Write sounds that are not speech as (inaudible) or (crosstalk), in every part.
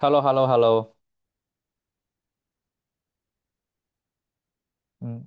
h e l l o h e l l o h e l l o 嗯，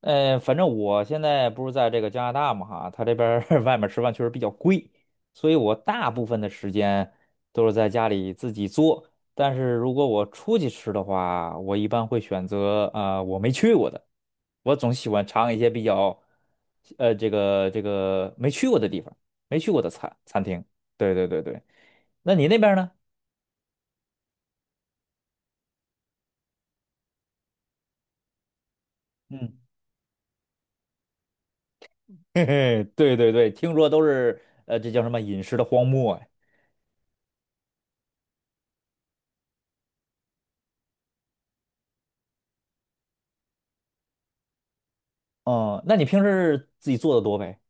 反正我现在不是在这个加拿大嘛哈，他这边儿 (laughs) 外面吃饭确实比较贵，所以我大部分的时间都是在家里自己做。但是如果我出去吃的话，我一般会选择啊、我没去过的，我总喜欢尝一些比较，这个没去过的地方，没去过的餐厅。对对对对，那你那边儿呢？嗯，(laughs) 嘿嘿，对对对，听说都是这叫什么饮食的荒漠呀？哦，那你平时自己做的多呗？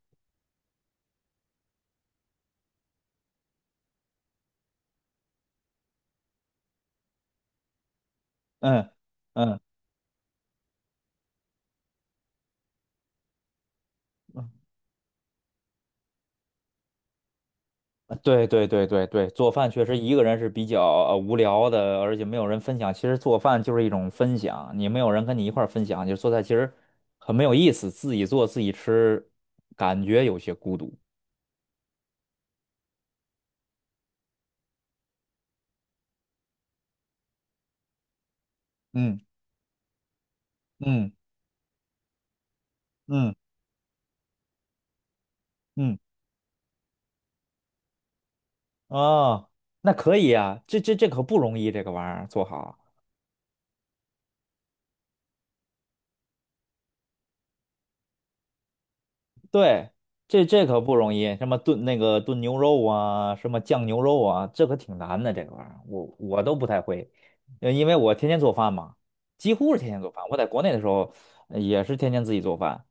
嗯嗯，对对对对对，做饭确实一个人是比较无聊的，而且没有人分享。其实做饭就是一种分享，你没有人跟你一块儿分享，就做菜其实很没有意思。自己做自己吃，感觉有些孤独。嗯嗯嗯嗯，哦，那可以啊，这可不容易，这个玩意儿做好。对，这可不容易，什么炖那个炖牛肉啊，什么酱牛肉啊，这可挺难的，这个玩意儿，我都不太会，因为我天天做饭嘛，几乎是天天做饭。我在国内的时候也是天天自己做饭，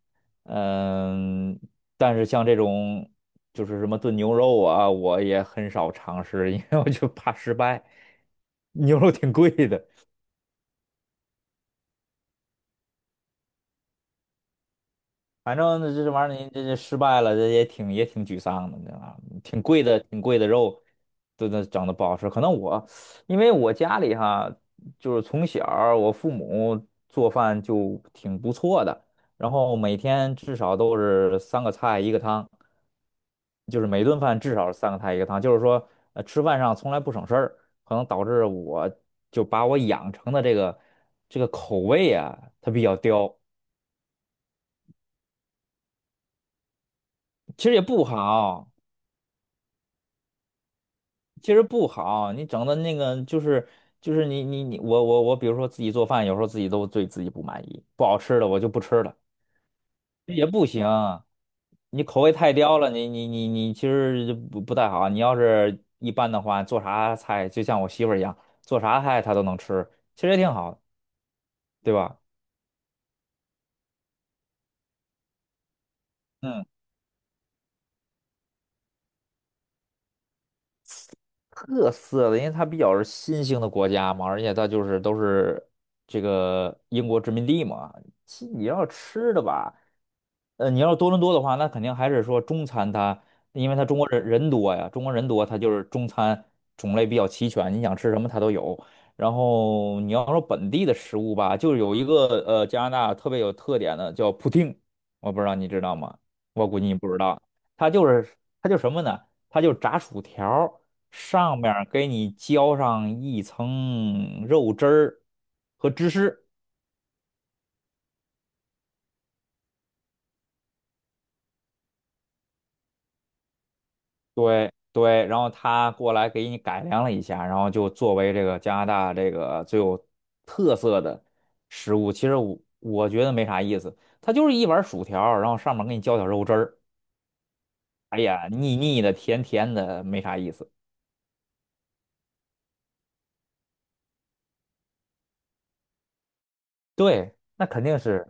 嗯，但是像这种就是什么炖牛肉啊，我也很少尝试，因为我就怕失败，(laughs) 牛肉挺贵的。反正这玩意儿你这失败了，这也挺也挺沮丧的，你知道吗？挺贵的，挺贵的肉，都整的不好吃。可能我因为我家里哈，就是从小儿我父母做饭就挺不错的，然后每天至少都是三个菜一个汤，就是每顿饭至少是三个菜一个汤，就是说吃饭上从来不省事儿，可能导致我就把我养成的这个口味啊，它比较刁，其实也不好。其实不好，你整的那个就是你我，比如说自己做饭，有时候自己都对自己不满意，不好吃的我就不吃了，也不行。你口味太刁了，你其实就不太好。你要是一般的话，做啥菜就像我媳妇儿一样，做啥菜她都能吃，其实也挺好，对吧？嗯。特色的，因为它比较是新兴的国家嘛，而且它就是都是这个英国殖民地嘛。其实你要吃的吧，你要是多伦多的话，那肯定还是说中餐它，因为它中国人人多呀，中国人多，它就是中餐种类比较齐全，你想吃什么它都有。然后你要说本地的食物吧，就有一个加拿大特别有特点的叫布丁，我不知道你知道吗？我估计你不知道，它就是它就什么呢？它就是炸薯条。上面儿给你浇上一层肉汁儿和芝士，对对，然后他过来给你改良了一下，然后就作为这个加拿大这个最有特色的食物，其实我觉得没啥意思，它就是一碗薯条儿然后上面给你浇点肉汁儿，哎呀，腻腻的，甜甜的，没啥意思。对，那肯定是，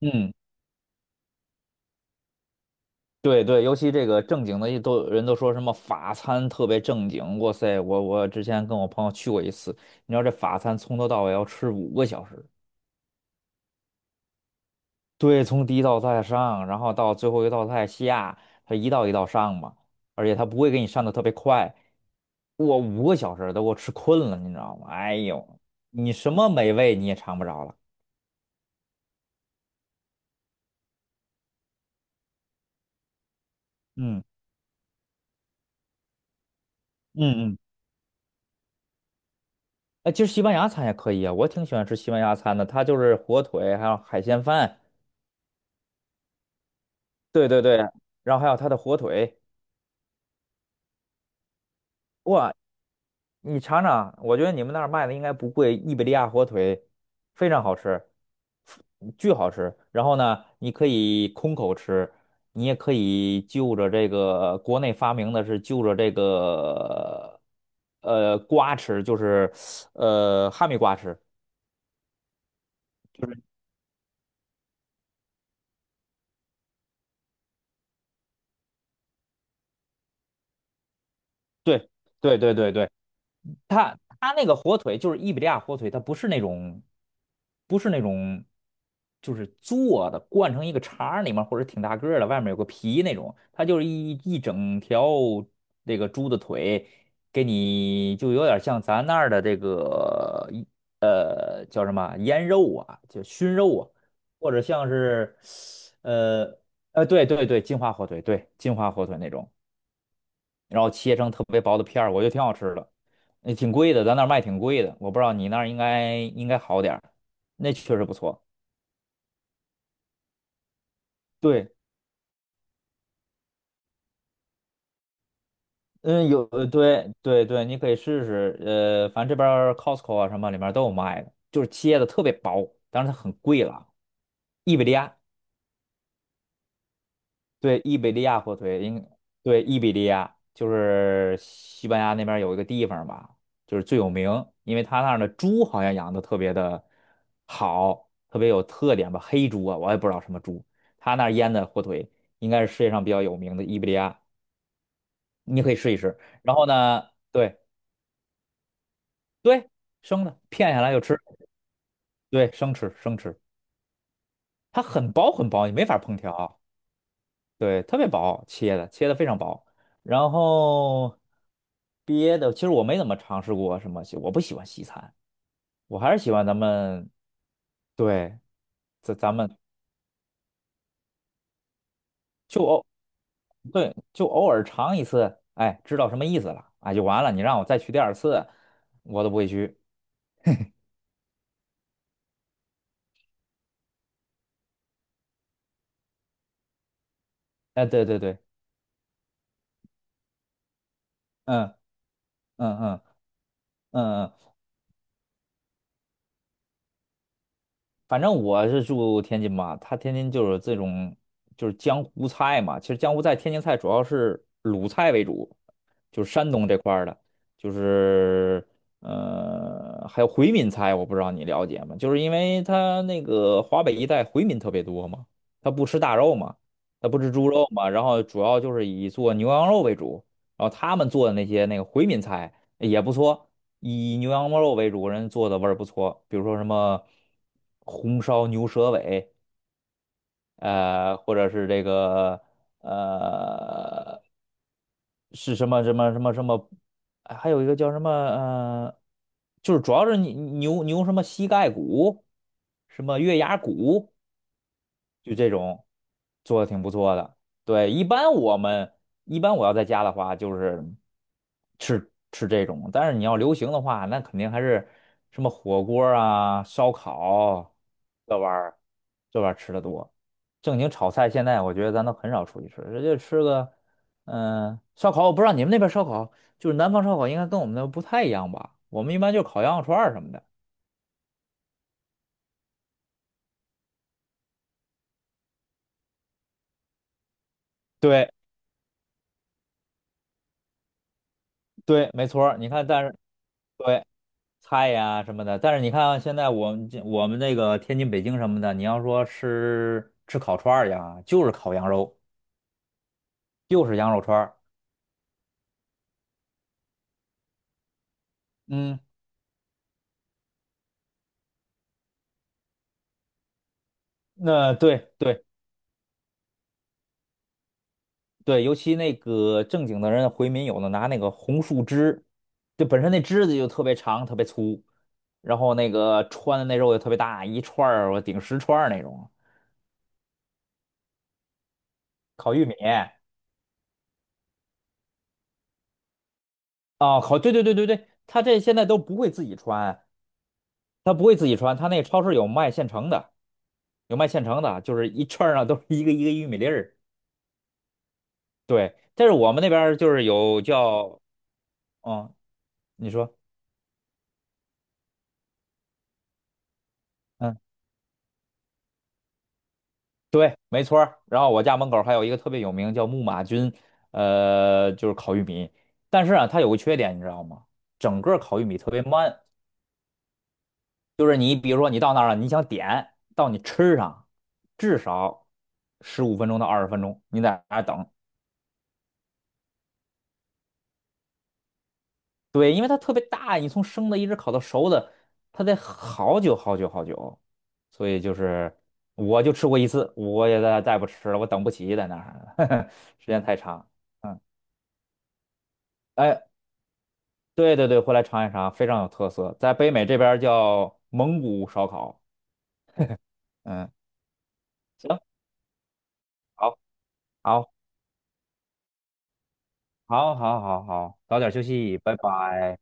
嗯。对对，尤其这个正经的一都人都说什么法餐特别正经，哇塞，我之前跟我朋友去过一次，你知道这法餐从头到尾要吃五个小时，对，从第一道菜上，然后到最后一道菜下，它一道一道上嘛，而且它不会给你上的特别快，我五个小时都给我吃困了，你知道吗？哎呦，你什么美味你也尝不着了。嗯嗯嗯，哎，其实西班牙餐也可以啊，我挺喜欢吃西班牙餐的，它就是火腿还有海鲜饭。对对对，然后还有它的火腿，哇，你尝尝，我觉得你们那儿卖的应该不贵，伊比利亚火腿非常好吃，巨好吃。然后呢，你可以空口吃，你也可以就着这个国内发明的是就着这个瓜吃，就是哈密瓜吃。对对对对对。他那个火腿就是伊比利亚火腿，它不是那种，不是那种，就是做的灌成一个肠儿里面，或者挺大个儿的，外面有个皮那种，它就是一整条这个猪的腿，给你就有点像咱那儿的这个叫什么腌肉啊，就熏肉啊，或者像是呃对对对，金华火腿，对金华火腿那种。然后切成特别薄的片儿，我觉得挺好吃的，也挺贵的，咱那儿卖挺贵的，我不知道你那儿应该好点儿，那确实不错。对，嗯，有，对对对，你可以试试，反正这边儿 Costco 啊什么里面都有卖的，就是切的特别薄，但是它很贵了啊，伊比利亚对，伊比利亚火腿，应对伊比利亚就是西班牙那边有一个地方吧，就是最有名，因为他那儿的猪好像养的特别的好，特别有特点吧，黑猪啊，我也不知道什么猪，他那儿腌的火腿应该是世界上比较有名的伊比利亚，你可以试一试。然后呢，对对，生的片下来就吃，对，生吃生吃，它很薄很薄，你没法烹调。对，特别薄，切的非常薄，然后别的，其实我没怎么尝试过什么西我不喜欢西餐，我还是喜欢咱们，对，咱们就偶，对，就偶尔尝一次，哎，知道什么意思了，哎，就完了。你让我再去第二次，我都不会去。哎，对对对，嗯嗯嗯嗯嗯，反正我是住天津嘛，它天津就是这种就是江湖菜嘛。其实江湖菜、天津菜主要是鲁菜为主，就是山东这块儿的，就是还有回民菜，我不知道你了解吗？就是因为它那个华北一带回民特别多嘛，他不吃大肉嘛，他不吃猪肉嘛，然后主要就是以做牛羊肉为主，然后他们做的那些那个回民菜也不错。以牛羊肉为主，人做的味儿不错，比如说什么红烧牛舌尾，或者是这个呃是什么什么什么什么，还有一个叫什么就是主要是你牛什么膝盖骨，什么月牙骨，就这种做的挺不错的。对，一般我要在家的话，就是。吃这种，但是你要流行的话，那肯定还是什么火锅啊、烧烤这玩意儿，这玩意儿吃的多。正经炒菜，现在我觉得咱都很少出去吃，直接吃个烧烤。我不知道你们那边烧烤，就是南方烧烤应该跟我们那不太一样吧？我们一般就烤羊肉串儿什么的。对对，没错儿你看，但是对菜呀、什么的，但是你看现在我们这我们那个天津、北京什么的，你要说吃吃烤串儿呀，就是烤羊肉，就是羊肉串儿。嗯，那对对对，尤其那个正经的人回民有的拿那个红树枝，就本身那枝子就特别长、特别粗，然后那个穿的那肉也特别大，一串儿我顶10串儿那种。烤玉米啊，烤，对对对对对，他这现在都不会自己穿，他不会自己穿，他那超市有卖现成的，有卖现成的，就是一串儿上都是一个一个玉米粒儿。对，但是我们那边儿就是有叫，嗯，你说。嗯。对，没错儿。然后我家门口还有一个特别有名叫木马军，就是烤玉米。但是啊，它有个缺点，你知道吗？整个烤玉米特别慢，就是你比如说你到那儿了，你想点到你吃上，至少15分钟到20分钟，你在那儿等。对，因为它特别大，你从生的一直烤到熟的，它得好久好久好久。所以就是我就吃过一次，我也再不吃了，我等不起在那儿，(laughs) 时间太长。嗯。哎。对对对，回来尝一尝，非常有特色，在北美这边儿叫蒙古烧烤。嗯，行，好，好，好，好，好，好，早点休息，拜拜。